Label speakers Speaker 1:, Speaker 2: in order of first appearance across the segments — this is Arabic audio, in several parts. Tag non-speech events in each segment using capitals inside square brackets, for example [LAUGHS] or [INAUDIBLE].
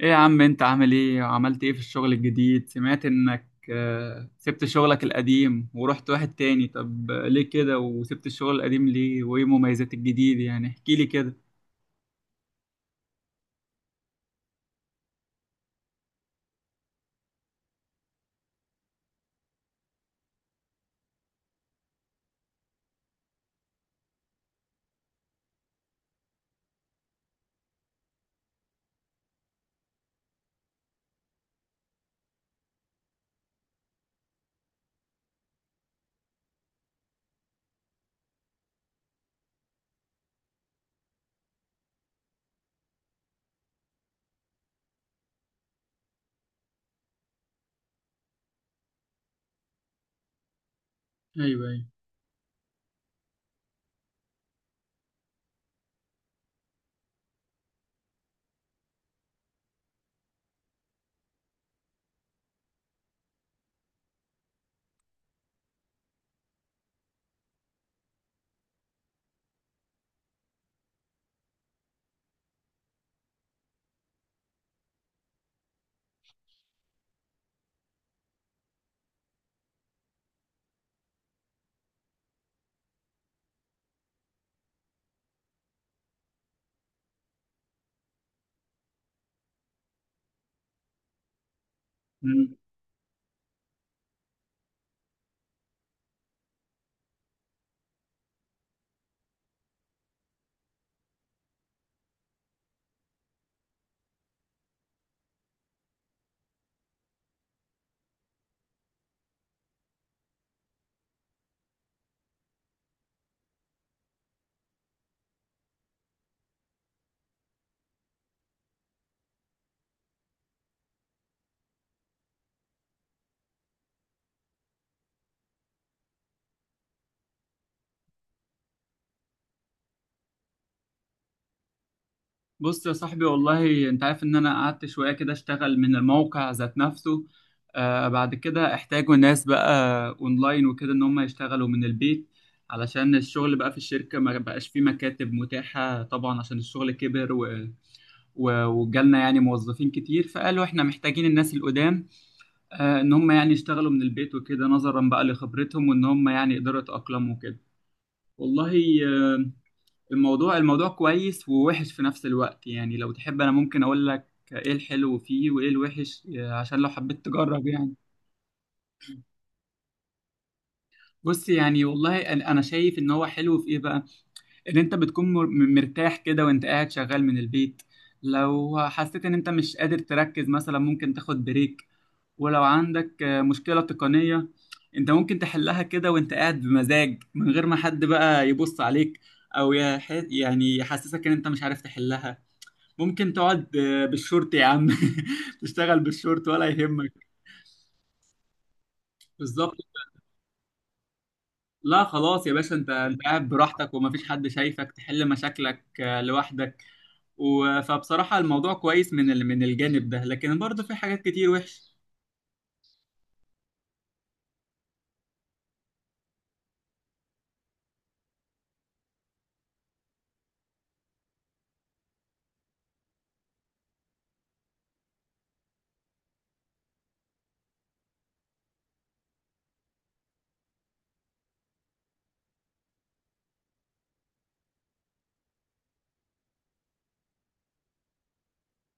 Speaker 1: ايه يا عم، انت عامل ايه وعملت ايه في الشغل الجديد؟ سمعت انك سبت شغلك القديم ورحت واحد تاني. طب ليه كده؟ وسبت الشغل القديم ليه؟ وايه مميزات الجديد؟ يعني احكي لي كده. ايوه ايوه. مم. بص يا صاحبي، والله انت عارف ان انا قعدت شوية كده اشتغل من الموقع ذات نفسه. آه بعد كده احتاجوا ناس بقى اونلاين وكده، ان هم يشتغلوا من البيت، علشان الشغل بقى في الشركة ما بقاش فيه مكاتب متاحة طبعا عشان الشغل كبر. وجالنا يعني موظفين كتير، فقالوا احنا محتاجين الناس القدام ان هم يعني يشتغلوا من البيت وكده نظرا بقى لخبرتهم وان هم يعني يقدروا يتأقلموا وكده. والله آه، الموضوع كويس ووحش في نفس الوقت يعني. لو تحب انا ممكن اقول لك ايه الحلو فيه وايه الوحش، عشان لو حبيت تجرب يعني. بص، يعني والله أنا شايف ان هو حلو في ايه بقى. ان انت بتكون مرتاح كده وانت قاعد شغال من البيت. لو حسيت ان انت مش قادر تركز مثلا ممكن تاخد بريك. ولو عندك مشكلة تقنية، انت ممكن تحلها كده وانت قاعد بمزاج من غير ما حد بقى يبص عليك، او يعني يحسسك ان انت مش عارف تحلها. ممكن تقعد بالشورت يا عم [LAUGHS] تشتغل بالشورت ولا يهمك. بالظبط. لا خلاص يا باشا، انت قاعد براحتك ومفيش حد شايفك، تحل مشاكلك لوحدك. فبصراحة الموضوع كويس من من الجانب ده، لكن برضه في حاجات كتير وحش.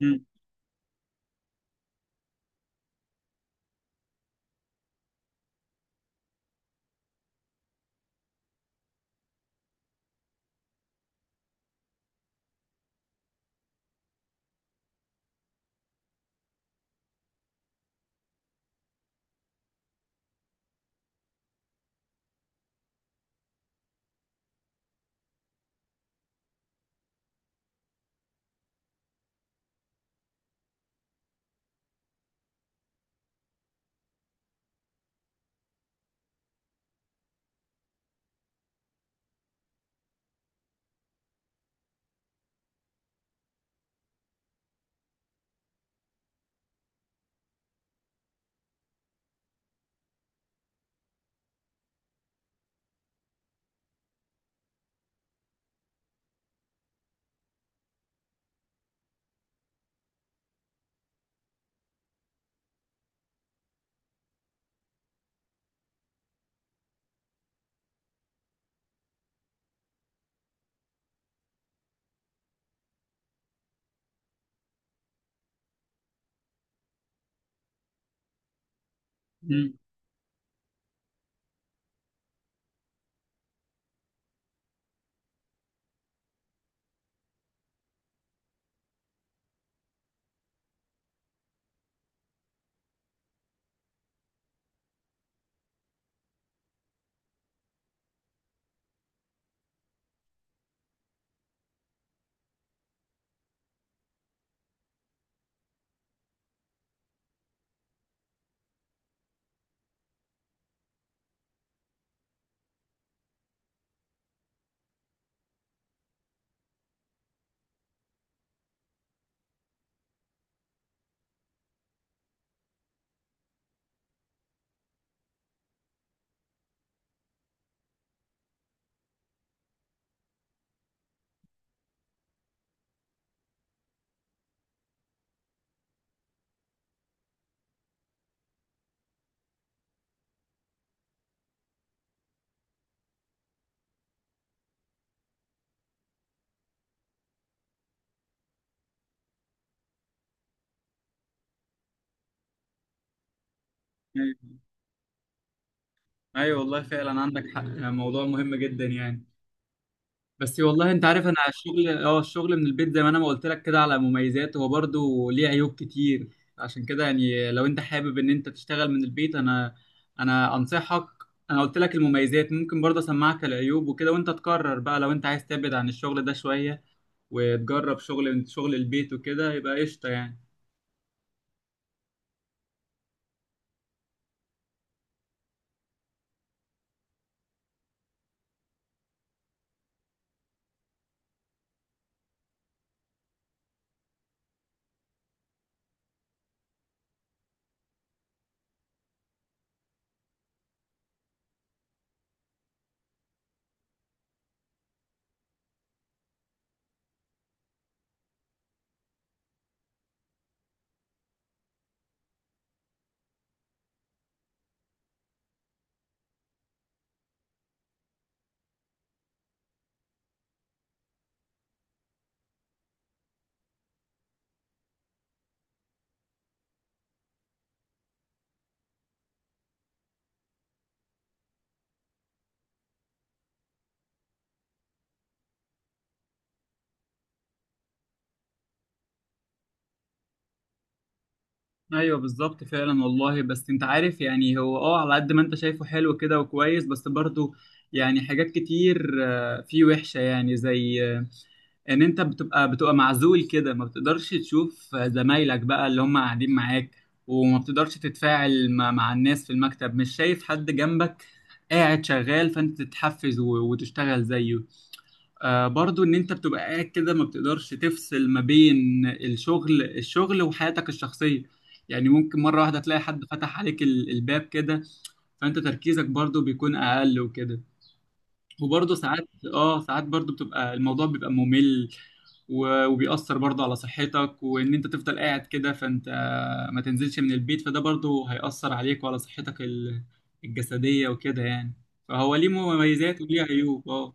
Speaker 1: مم. مم. ايوه. أيوة والله فعلا عندك حق، موضوع مهم جدا يعني. بس والله انت عارف انا الشغل اه الشغل من البيت زي ما انا ما قلت لك كده على مميزات، هو برضه ليه عيوب كتير. عشان كده يعني لو انت حابب ان انت تشتغل من البيت، انا انصحك. انا قلت لك المميزات، ممكن برضه اسمعك العيوب وكده وانت تقرر بقى. لو انت عايز تبعد عن الشغل ده شوية وتجرب شغل البيت وكده يبقى قشطة يعني. ايوه بالظبط فعلا والله. بس انت عارف يعني، هو اه على قد ما انت شايفه حلو كده وكويس، بس برضه يعني حاجات كتير فيه وحشة. يعني زي ان انت بتبقى معزول كده، ما بتقدرش تشوف زمايلك بقى اللي هم قاعدين معاك. وما بتقدرش تتفاعل مع الناس في المكتب. مش شايف حد جنبك قاعد شغال فانت تتحفز وتشتغل زيه. آه برضو ان انت بتبقى قاعد كده ما بتقدرش تفصل ما بين الشغل وحياتك الشخصية. يعني ممكن مرة واحدة تلاقي حد فتح عليك الباب كده، فانت تركيزك برضو بيكون اقل وكده. وبرضو ساعات، اه ساعات برضو بتبقى الموضوع بيبقى ممل. وبيأثر برضو على صحتك وان انت تفضل قاعد كده فانت ما تنزلش من البيت، فده برضو هيأثر عليك وعلى صحتك الجسدية وكده يعني. فهو ليه مميزات وليه عيوب اه.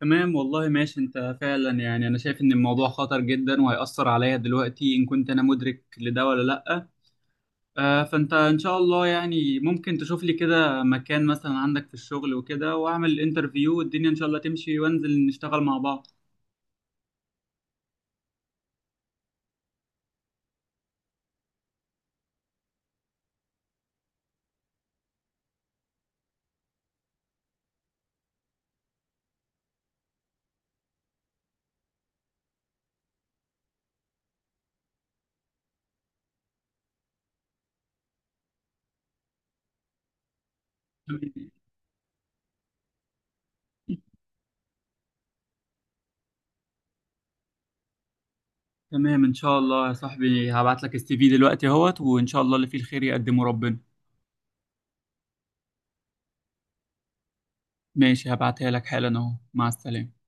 Speaker 1: تمام والله، ماشي. انت فعلا يعني انا شايف ان الموضوع خطر جدا وهيأثر عليا دلوقتي، ان كنت انا مدرك لده ولا لأ. آه فانت ان شاء الله يعني ممكن تشوف لي كده مكان مثلا عندك في الشغل وكده، واعمل الانترفيو والدنيا ان شاء الله تمشي وانزل نشتغل مع بعض. تمام. تمام، ان شاء الله يا صاحبي، هبعت لك السي في دلوقتي اهوت، وان شاء الله اللي فيه الخير يقدمه ربنا. ماشي، هبعتها لك حالا اهو. مع السلامة.